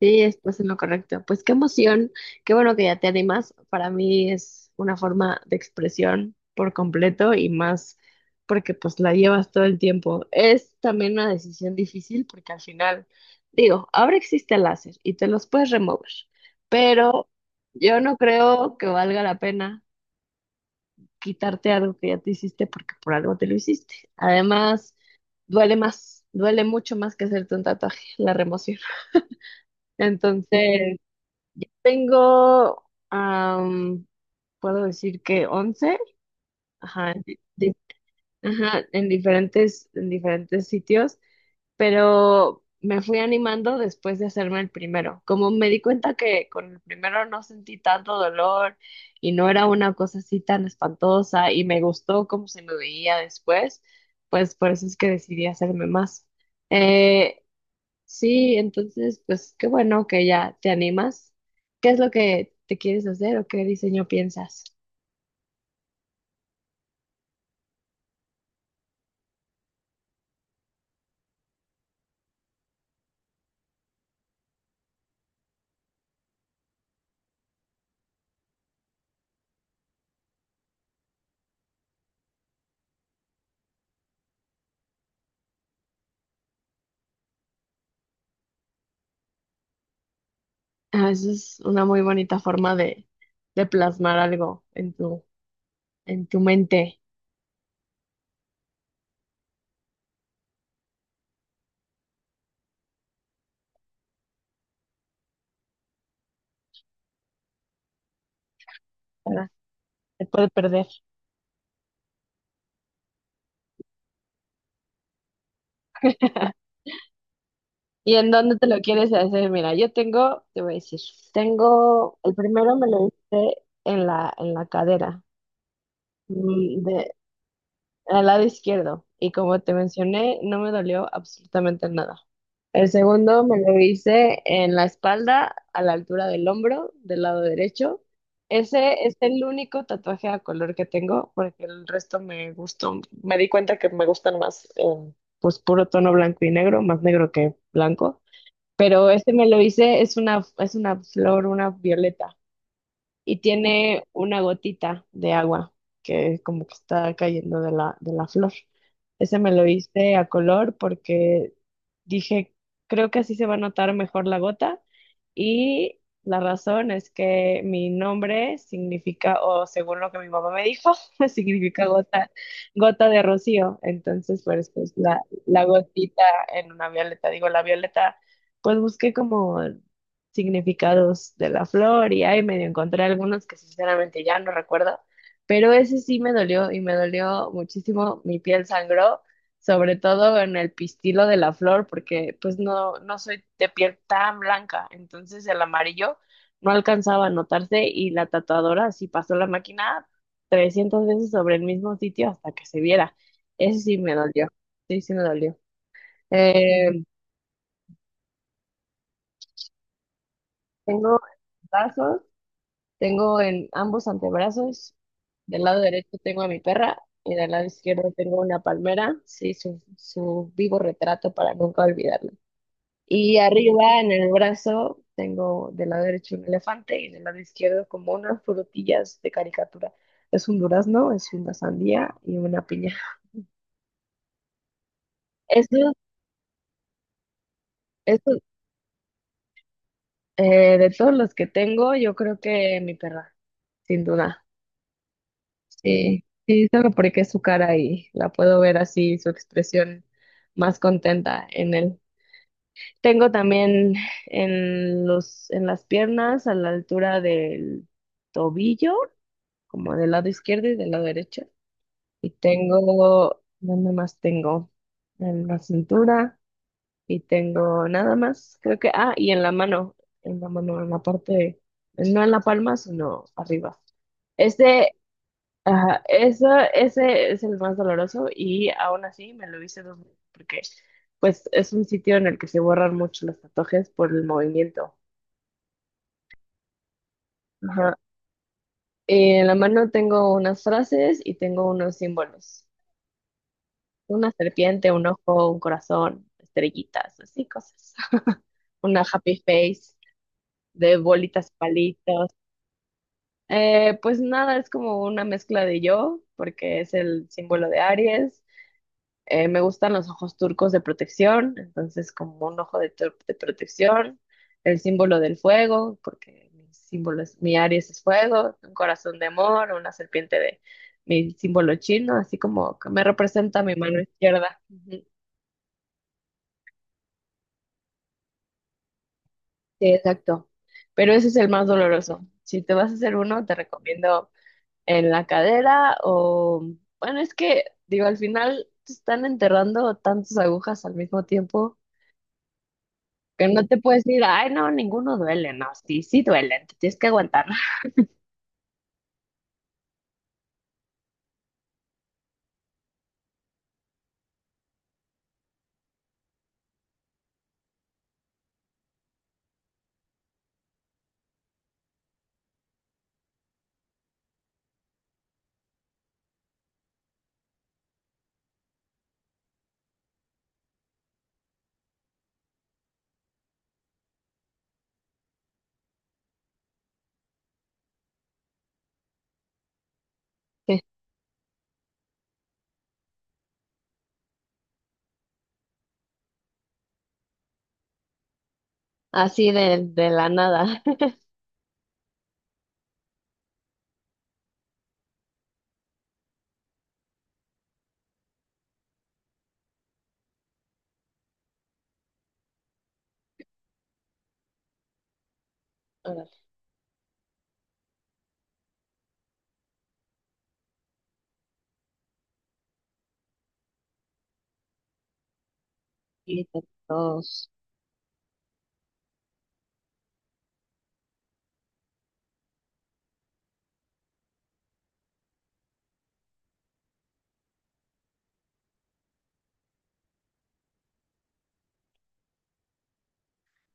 Sí, estás en lo correcto. Pues qué emoción, qué bueno que ya te animas. Para mí es una forma de expresión por completo y más porque pues la llevas todo el tiempo. Es también una decisión difícil porque al final, digo, ahora existe el láser y te los puedes remover, pero yo no creo que valga la pena quitarte algo que ya te hiciste porque por algo te lo hiciste. Además, duele más, duele mucho más que hacerte un tatuaje, la remoción. Entonces. Tengo, am, puedo decir que once. Ajá, en ajá, en diferentes sitios, pero me fui animando después de hacerme el primero. Como me di cuenta que con el primero no sentí tanto dolor y no era una cosa así tan espantosa y me gustó cómo se me veía después, pues por eso es que decidí hacerme más. Eh, Sí, entonces, pues qué bueno que ya te animas. ¿Qué es lo que te quieres hacer o qué diseño piensas? Ah, eso es una muy bonita forma de plasmar algo en tu mente, ¿verdad? Te puede perder. ¿Y en dónde te lo quieres hacer? Mira, yo tengo, te voy a decir, tengo, el primero me lo hice en la cadera. Mm, de- Al lado izquierdo y como te mencioné, no me dolió absolutamente nada. El segundo me lo hice en la espalda, a la altura del hombro, del lado derecho. Ese es el único tatuaje a color que tengo porque el resto me gustó. Me di cuenta que me gustan más, pues puro tono blanco y negro, más negro que blanco. Pero este me lo hice, es una flor, una violeta y tiene una gotita de agua que como que está cayendo de la flor. Ese me lo hice a color porque, dije, creo que así se va a notar mejor la gota y la razón es que mi nombre significa, o según lo que mi mamá me dijo, significa gota, gota de rocío. Entonces, pues la gotita en una violeta, digo, la violeta, pues busqué como significados de la flor y ahí medio encontré algunos que sinceramente ya no recuerdo, pero ese sí me dolió y me dolió muchísimo, mi piel sangró sobre todo en el pistilo de la flor, porque pues no, no soy de piel tan blanca, entonces el amarillo no alcanzaba a notarse y la tatuadora sí pasó la máquina 300 veces sobre el mismo sitio hasta que se viera. Eso sí me dolió, sí, sí me dolió. Eh, Tengo brazos, tengo en ambos antebrazos, del lado derecho tengo a mi perra y del lado izquierdo tengo una palmera, sí, su vivo retrato para nunca olvidarlo. Y arriba en el brazo tengo del lado derecho un elefante y del lado izquierdo como unas frutillas de caricatura. Es un durazno, es una sandía y una piña. Eso, eso, de todos los que tengo, yo creo que mi perra, sin duda. Sí, sí, solo porque es su cara y la puedo ver así, su expresión más contenta en él. Tengo también en las piernas, a la altura del tobillo, como del lado izquierdo y del lado derecho. Y tengo, ¿dónde más tengo? En la cintura y tengo nada más, creo que, y en la mano, en la parte, no en la palma, sino arriba. Ese, ajá. Ese es el más doloroso y aún así me lo hice dos veces porque pues es un sitio en el que se borran mucho los tatuajes por el movimiento. Ajá. Y en la mano tengo unas frases y tengo unos símbolos. Una serpiente, un ojo, un corazón, estrellitas, así cosas. Una happy face de bolitas, palitos. Pues nada, es como una mezcla de yo, porque es el símbolo de Aries. Me gustan los ojos turcos de protección, entonces como un ojo de protección, el símbolo del fuego, porque mi Aries es fuego, un corazón de amor, una serpiente de mi símbolo chino, así como que me representa mi mano izquierda. Sí, exacto. Pero ese es el más doloroso. Si te vas a hacer uno, te recomiendo en la cadera o, bueno, es que, digo, al final te están enterrando tantas agujas al mismo tiempo que no te puedes decir, ay, no, ninguno duele. No, sí, sí duelen, te tienes que aguantar. Así de la nada. Órale, y todos.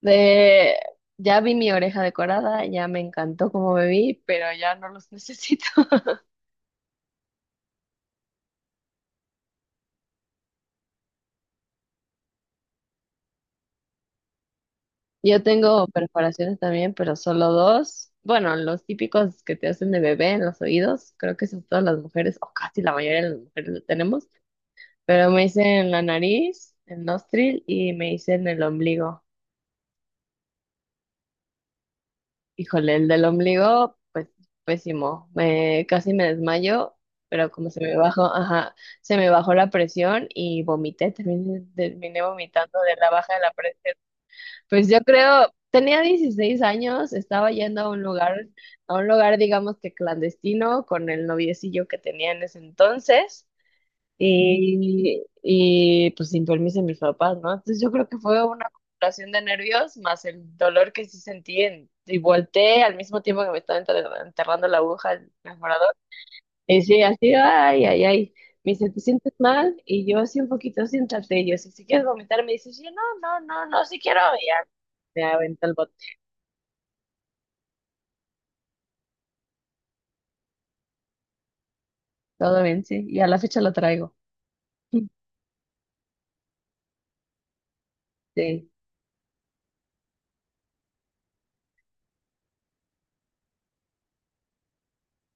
De, ya vi mi oreja decorada, ya me encantó como me vi, pero ya no los necesito. Yo tengo perforaciones también, pero solo dos. Bueno, los típicos que te hacen de bebé en los oídos, creo que son todas las mujeres, o casi la mayoría de las mujeres lo tenemos, pero me hice en la nariz, el nostril y me hice en el ombligo. Híjole, el del ombligo, pues pésimo. Casi me desmayo, pero como se me bajó, ajá, se me bajó la presión y vomité, terminé vomitando de la baja de la presión. Pues yo creo, tenía 16 años, estaba yendo a un lugar, digamos que clandestino, con el noviecillo que tenía en ese entonces, y pues sin permiso de mis papás, ¿no? Entonces yo creo que fue una acumulación de nervios más el dolor que sí sentí y volteé al mismo tiempo que me estaba enterrando la aguja en y sí, así, ay, ay, ay. Me dice, ¿te sientes mal? Y yo, sí, un poquito, siéntate. Y yo, si, si quieres vomitar, me dice, sí, no, no, no, no, si quiero. Y ya, me aventó el bote. Todo bien, sí. Y a la fecha lo traigo. Sí.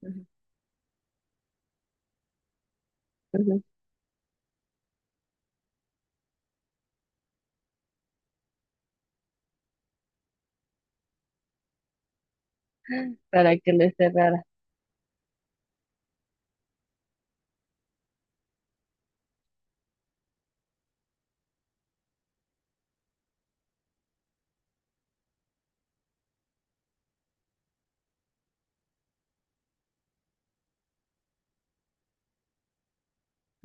Ujú, ujú, para que no esté rara.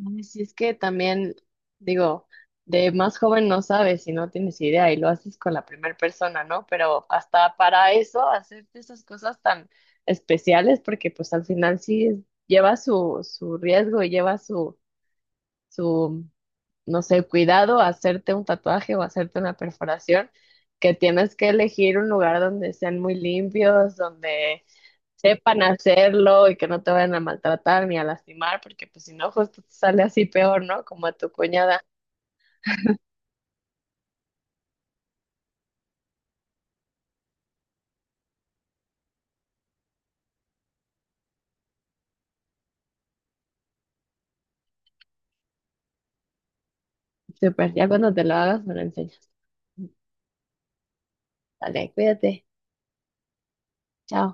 Ay, sí, es que también, digo, de más joven no sabes y no tienes idea y lo haces con la primera persona, ¿no? Pero hasta para eso, hacerte esas cosas tan especiales, porque pues al final sí lleva su riesgo y lleva su, no sé, cuidado a hacerte un tatuaje o hacerte una perforación, que tienes que elegir un lugar donde sean muy limpios, donde sepan hacerlo y que no te vayan a maltratar ni a lastimar, porque pues si no, justo te sale así peor, ¿no? Como a tu cuñada. Súper, ya cuando te lo hagas me lo enseñas. Dale, cuídate. Chao.